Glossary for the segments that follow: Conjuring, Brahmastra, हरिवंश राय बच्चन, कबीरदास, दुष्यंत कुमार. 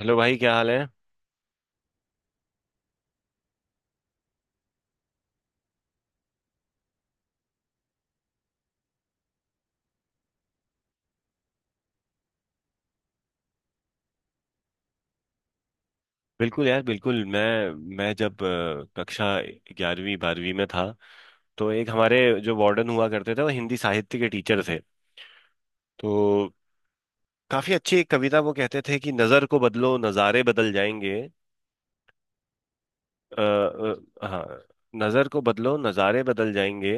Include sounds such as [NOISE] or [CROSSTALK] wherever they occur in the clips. Hello भाई, क्या हाल है। बिल्कुल यार, बिल्कुल मैं जब कक्षा 11वीं 12वीं में था। तो एक हमारे जो वार्डन हुआ करते थे वो हिंदी साहित्य के टीचर थे। तो काफी अच्छी एक कविता वो कहते थे कि नजर को बदलो नजारे बदल जाएंगे। आ, हाँ, नजर को बदलो नजारे बदल जाएंगे।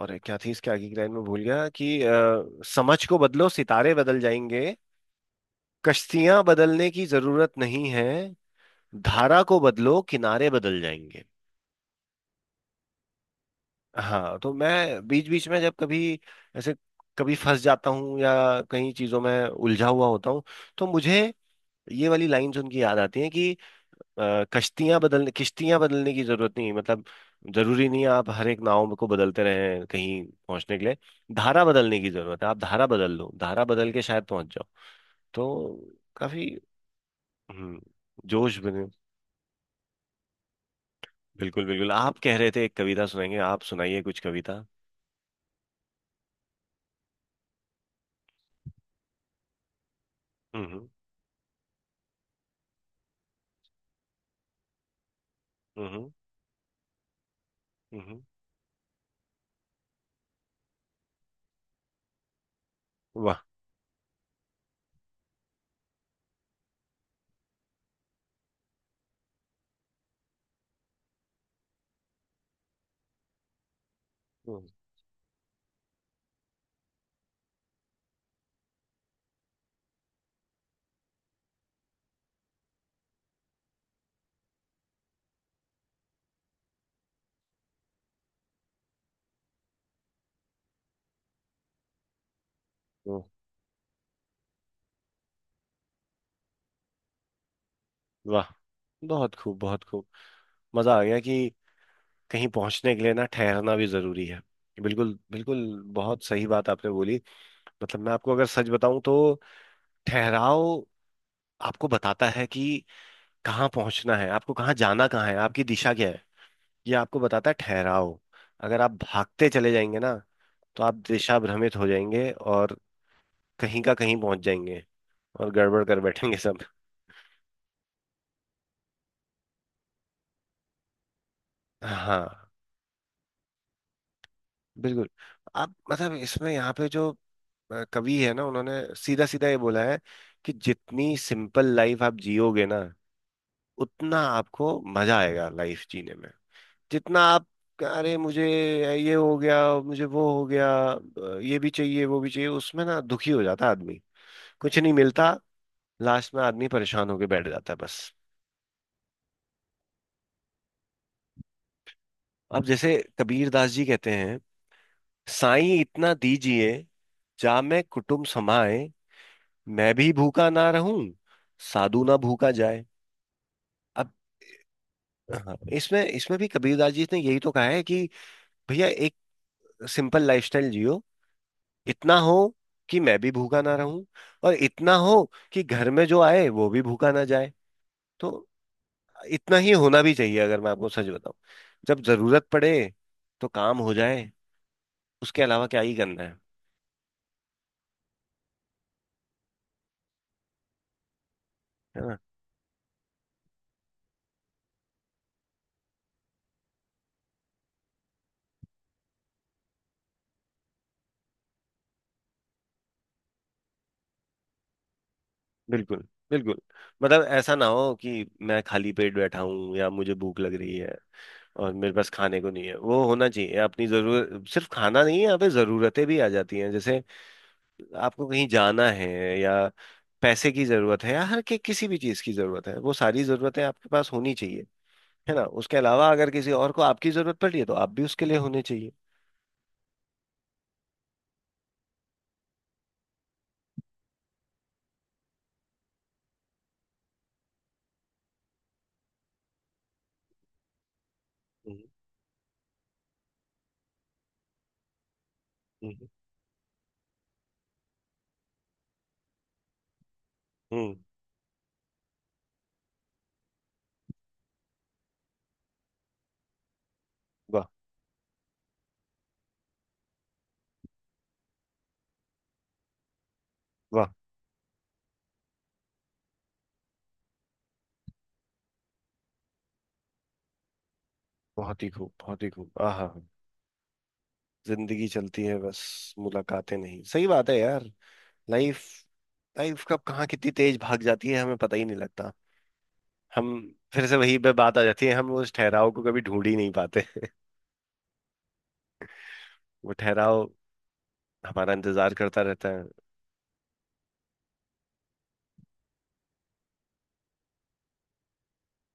और क्या थी इसके आगे की लाइन, में भूल गया। कि समझ को बदलो सितारे बदल जाएंगे, कश्तियां बदलने की जरूरत नहीं है, धारा को बदलो किनारे बदल जाएंगे। हाँ, तो मैं बीच बीच में जब कभी ऐसे कभी फंस जाता हूँ या कहीं चीजों में उलझा हुआ होता हूँ, तो मुझे ये वाली लाइन सुन के याद आती है कि कश्तियां बदलने किश्तियां बदलने की जरूरत नहीं है। मतलब जरूरी नहीं है आप हर एक नाव को बदलते रहें कहीं पहुंचने के लिए। धारा बदलने की जरूरत है, आप धारा बदल लो, धारा बदल के शायद पहुंच जाओ। तो काफी। हम्म। जोश बने। बिल्कुल बिल्कुल, आप कह रहे थे एक कविता सुनाएंगे, आप सुनाइए कुछ कविता। हम्म। हम्म। हम्म। हम्म। वाह। हम्म। हम्म। वाह। बहुत खूब, बहुत खूब। मजा आ गया कि कहीं पहुंचने के लिए ना ठहरना भी जरूरी है। बिल्कुल बिल्कुल, बहुत सही बात आपने बोली। मतलब मैं आपको अगर सच बताऊं तो, ठहराव आपको बताता है कि कहाँ पहुंचना है आपको, कहाँ जाना कहाँ है, आपकी दिशा क्या है, ये आपको बताता है ठहराव। अगर आप भागते चले जाएंगे ना तो आप दिशा भ्रमित हो जाएंगे और कहीं का कहीं पहुंच जाएंगे और गड़बड़ कर बैठेंगे सब। हाँ। बिल्कुल। आप मतलब इसमें यहाँ पे जो कवि है ना, उन्होंने सीधा सीधा ये बोला है कि जितनी सिंपल लाइफ आप जियोगे ना, उतना आपको मजा आएगा लाइफ जीने में। जितना आप, अरे मुझे ये हो गया, मुझे वो हो गया, ये भी चाहिए वो भी चाहिए, उसमें ना दुखी हो जाता है आदमी, कुछ नहीं मिलता। लास्ट में आदमी परेशान होके बैठ जाता है बस। अब जैसे कबीर दास जी कहते हैं, साईं इतना दीजिए, जा मैं कुटुम्ब समाए, मैं भी भूखा ना रहूं, साधु ना भूखा जाए। अब हाँ, इसमें इसमें भी कबीरदास जी ने यही तो कहा है कि भैया एक सिंपल लाइफस्टाइल जियो, इतना हो कि मैं भी भूखा ना रहूं, और इतना हो कि घर में जो आए वो भी भूखा ना जाए। तो इतना ही होना भी चाहिए, अगर मैं आपको सच बताऊं। जब जरूरत पड़े तो काम हो जाए, उसके अलावा क्या ही करना है ना। बिल्कुल बिल्कुल। मतलब ऐसा ना हो कि मैं खाली पेट बैठा हूं या मुझे भूख लग रही है और मेरे पास खाने को नहीं है, वो होना चाहिए। अपनी जरूरत सिर्फ खाना नहीं है, यहाँ पे जरूरतें भी आ जाती हैं जैसे आपको कहीं जाना है या पैसे की जरूरत है या हर के किसी भी चीज की जरूरत है, वो सारी जरूरतें आपके पास होनी चाहिए। है ना, उसके अलावा अगर किसी और को आपकी जरूरत पड़ रही है तो आप भी उसके लिए होने चाहिए। हम्म। हम्म। हम्म। वाह। वाह। बहुत ही खूब, बहुत ही खूब। आहा। जिंदगी चलती है बस मुलाकातें नहीं, सही बात है यार। लाइफ, लाइफ कब कहाँ कितनी तेज भाग जाती है, हमें पता ही नहीं लगता। हम, फिर से वही पे बात आ जाती है, हम उस ठहराव को कभी ढूंढ ही नहीं पाते। [LAUGHS] वो ठहराव हमारा इंतजार करता रहता है।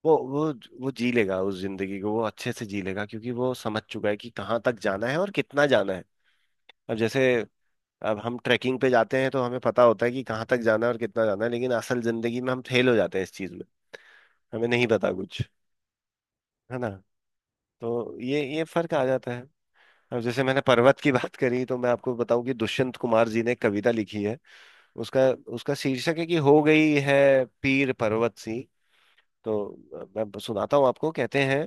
वो वो वो जी लेगा उस जिंदगी को, वो अच्छे से जी लेगा, क्योंकि वो समझ चुका है कि कहाँ तक जाना है और कितना जाना है। अब जैसे, अब हम ट्रैकिंग पे जाते हैं तो हमें पता होता है कि कहाँ तक जाना है और कितना जाना है, लेकिन असल जिंदगी में हम फेल हो जाते हैं इस चीज में। हमें नहीं पता कुछ, है ना, तो ये फर्क आ जाता है। अब जैसे मैंने पर्वत की बात करी तो मैं आपको बताऊं कि दुष्यंत कुमार जी ने एक कविता लिखी है। उसका उसका शीर्षक है कि हो गई है पीर पर्वत सी। तो मैं सुनाता हूँ आपको। कहते हैं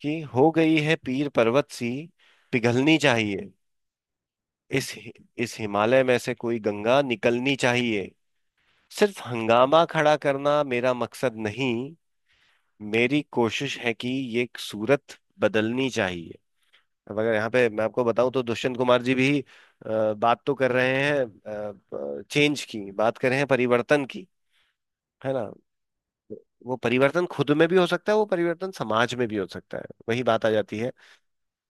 कि हो गई है पीर पर्वत सी, पिघलनी चाहिए, इस इस हिमालय में से कोई गंगा निकलनी चाहिए, सिर्फ हंगामा खड़ा करना मेरा मकसद नहीं, मेरी कोशिश है कि ये सूरत बदलनी चाहिए। अब अगर यहाँ पे मैं आपको बताऊं तो दुष्यंत कुमार जी भी बात तो कर रहे हैं, चेंज की बात कर रहे हैं, परिवर्तन की, है ना। वो परिवर्तन खुद में भी हो सकता है, वो परिवर्तन समाज में भी हो सकता है। वही बात आ जाती है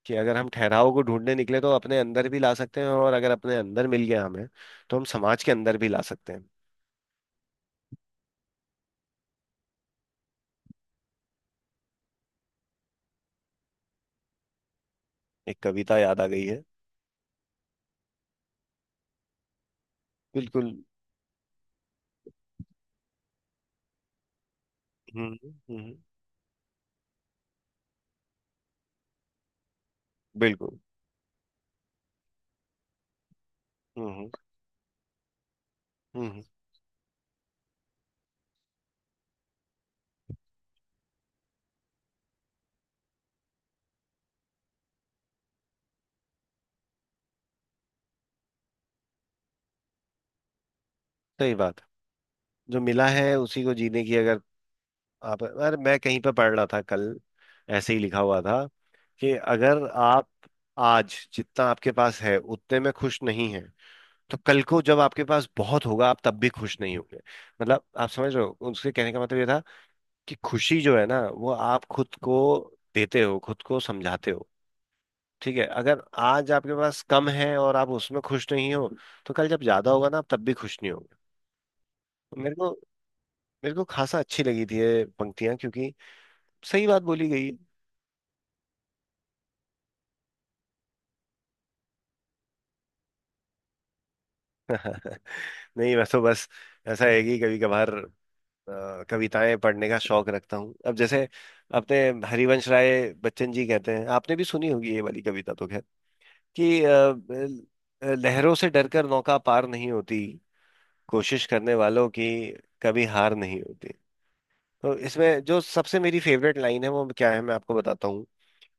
कि अगर हम ठहराव को ढूंढने निकले तो अपने अंदर भी ला सकते हैं, और अगर अपने अंदर मिल गया हमें तो हम समाज के अंदर भी ला सकते हैं। एक कविता याद आ गई है। बिल्कुल। हम्म। हम्म। बिल्कुल। हम्म। हम्म। हम्म। हम्म। सही बात। जो मिला है उसी को जीने की, अगर आप, अरे मैं कहीं पे पढ़ रहा था कल, ऐसे ही लिखा हुआ था कि अगर आप आज जितना आपके पास है उतने में खुश नहीं है, तो कल को जब आपके पास बहुत होगा आप तब भी खुश नहीं होंगे। मतलब आप समझ रहे हो, उसके कहने का मतलब ये था कि खुशी जो है ना, वो आप खुद को देते हो, खुद को समझाते हो। ठीक है, अगर आज आपके पास कम है और आप उसमें खुश नहीं हो तो कल जब ज्यादा होगा ना आप तब भी खुश नहीं होगे। मेरे को मेरे को खासा अच्छी लगी थी ये पंक्तियां, क्योंकि सही बात बोली गई है। [LAUGHS] नहीं, वैसे तो बस ऐसा है कि कभी कभार कविताएं पढ़ने का शौक रखता हूँ। अब जैसे अपने हरिवंश राय बच्चन जी कहते हैं, आपने भी सुनी होगी ये वाली कविता तो, खैर, कि लहरों से डरकर नौका पार नहीं होती, कोशिश करने वालों की कभी हार नहीं होती। तो इसमें जो सबसे मेरी फेवरेट लाइन है वो क्या है, मैं आपको बताता हूँ,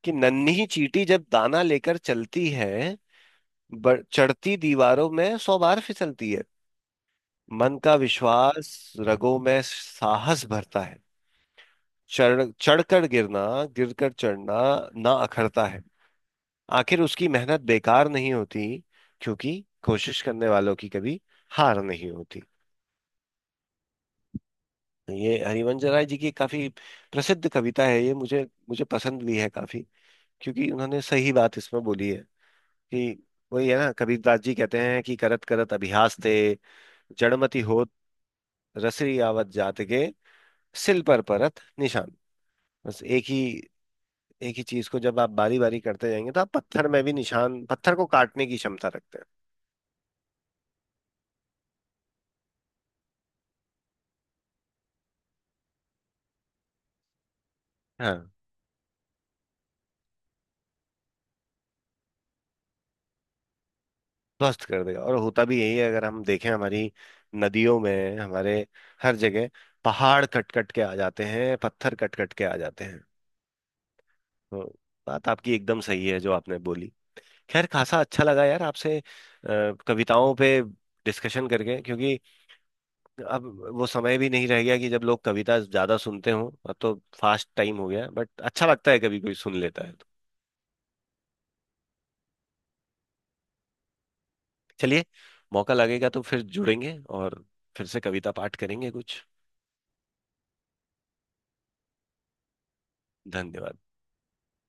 कि नन्ही चींटी जब दाना लेकर चलती है, चढ़ती दीवारों में 100 बार फिसलती है, मन का विश्वास रगों में साहस भरता है, चढ़ चढ़कर गिरना, गिरकर चढ़ना ना अखरता है, आखिर उसकी मेहनत बेकार नहीं होती, क्योंकि कोशिश करने वालों की कभी हार नहीं होती। ये हरिवंश राय जी की काफी प्रसिद्ध कविता है, ये मुझे मुझे पसंद भी है काफी, क्योंकि उन्होंने सही बात इसमें बोली है कि, वही है ना, कबीरदास जी कहते हैं कि करत करत अभ्यास ते जड़मति होत, रसरी आवत जात के सिल पर परत निशान। बस एक ही, एक ही चीज को जब आप बारी बारी करते जाएंगे तो आप पत्थर में भी निशान, पत्थर को काटने की क्षमता रखते हैं। हाँ। ध्वस्त कर देगा, और होता भी यही है, अगर हम देखें हमारी नदियों में, हमारे हर जगह पहाड़ कट कट के आ जाते हैं, पत्थर कट कट के आ जाते हैं। तो बात आपकी एकदम सही है जो आपने बोली। खैर, खासा अच्छा लगा यार आपसे कविताओं पे डिस्कशन करके, क्योंकि अब वो समय भी नहीं रह गया कि जब लोग कविता ज्यादा सुनते हों। अब तो फास्ट टाइम हो गया, बट अच्छा लगता है कभी कोई सुन लेता है तो। चलिए, मौका लगेगा तो फिर जुड़ेंगे और फिर से कविता पाठ करेंगे कुछ। धन्यवाद।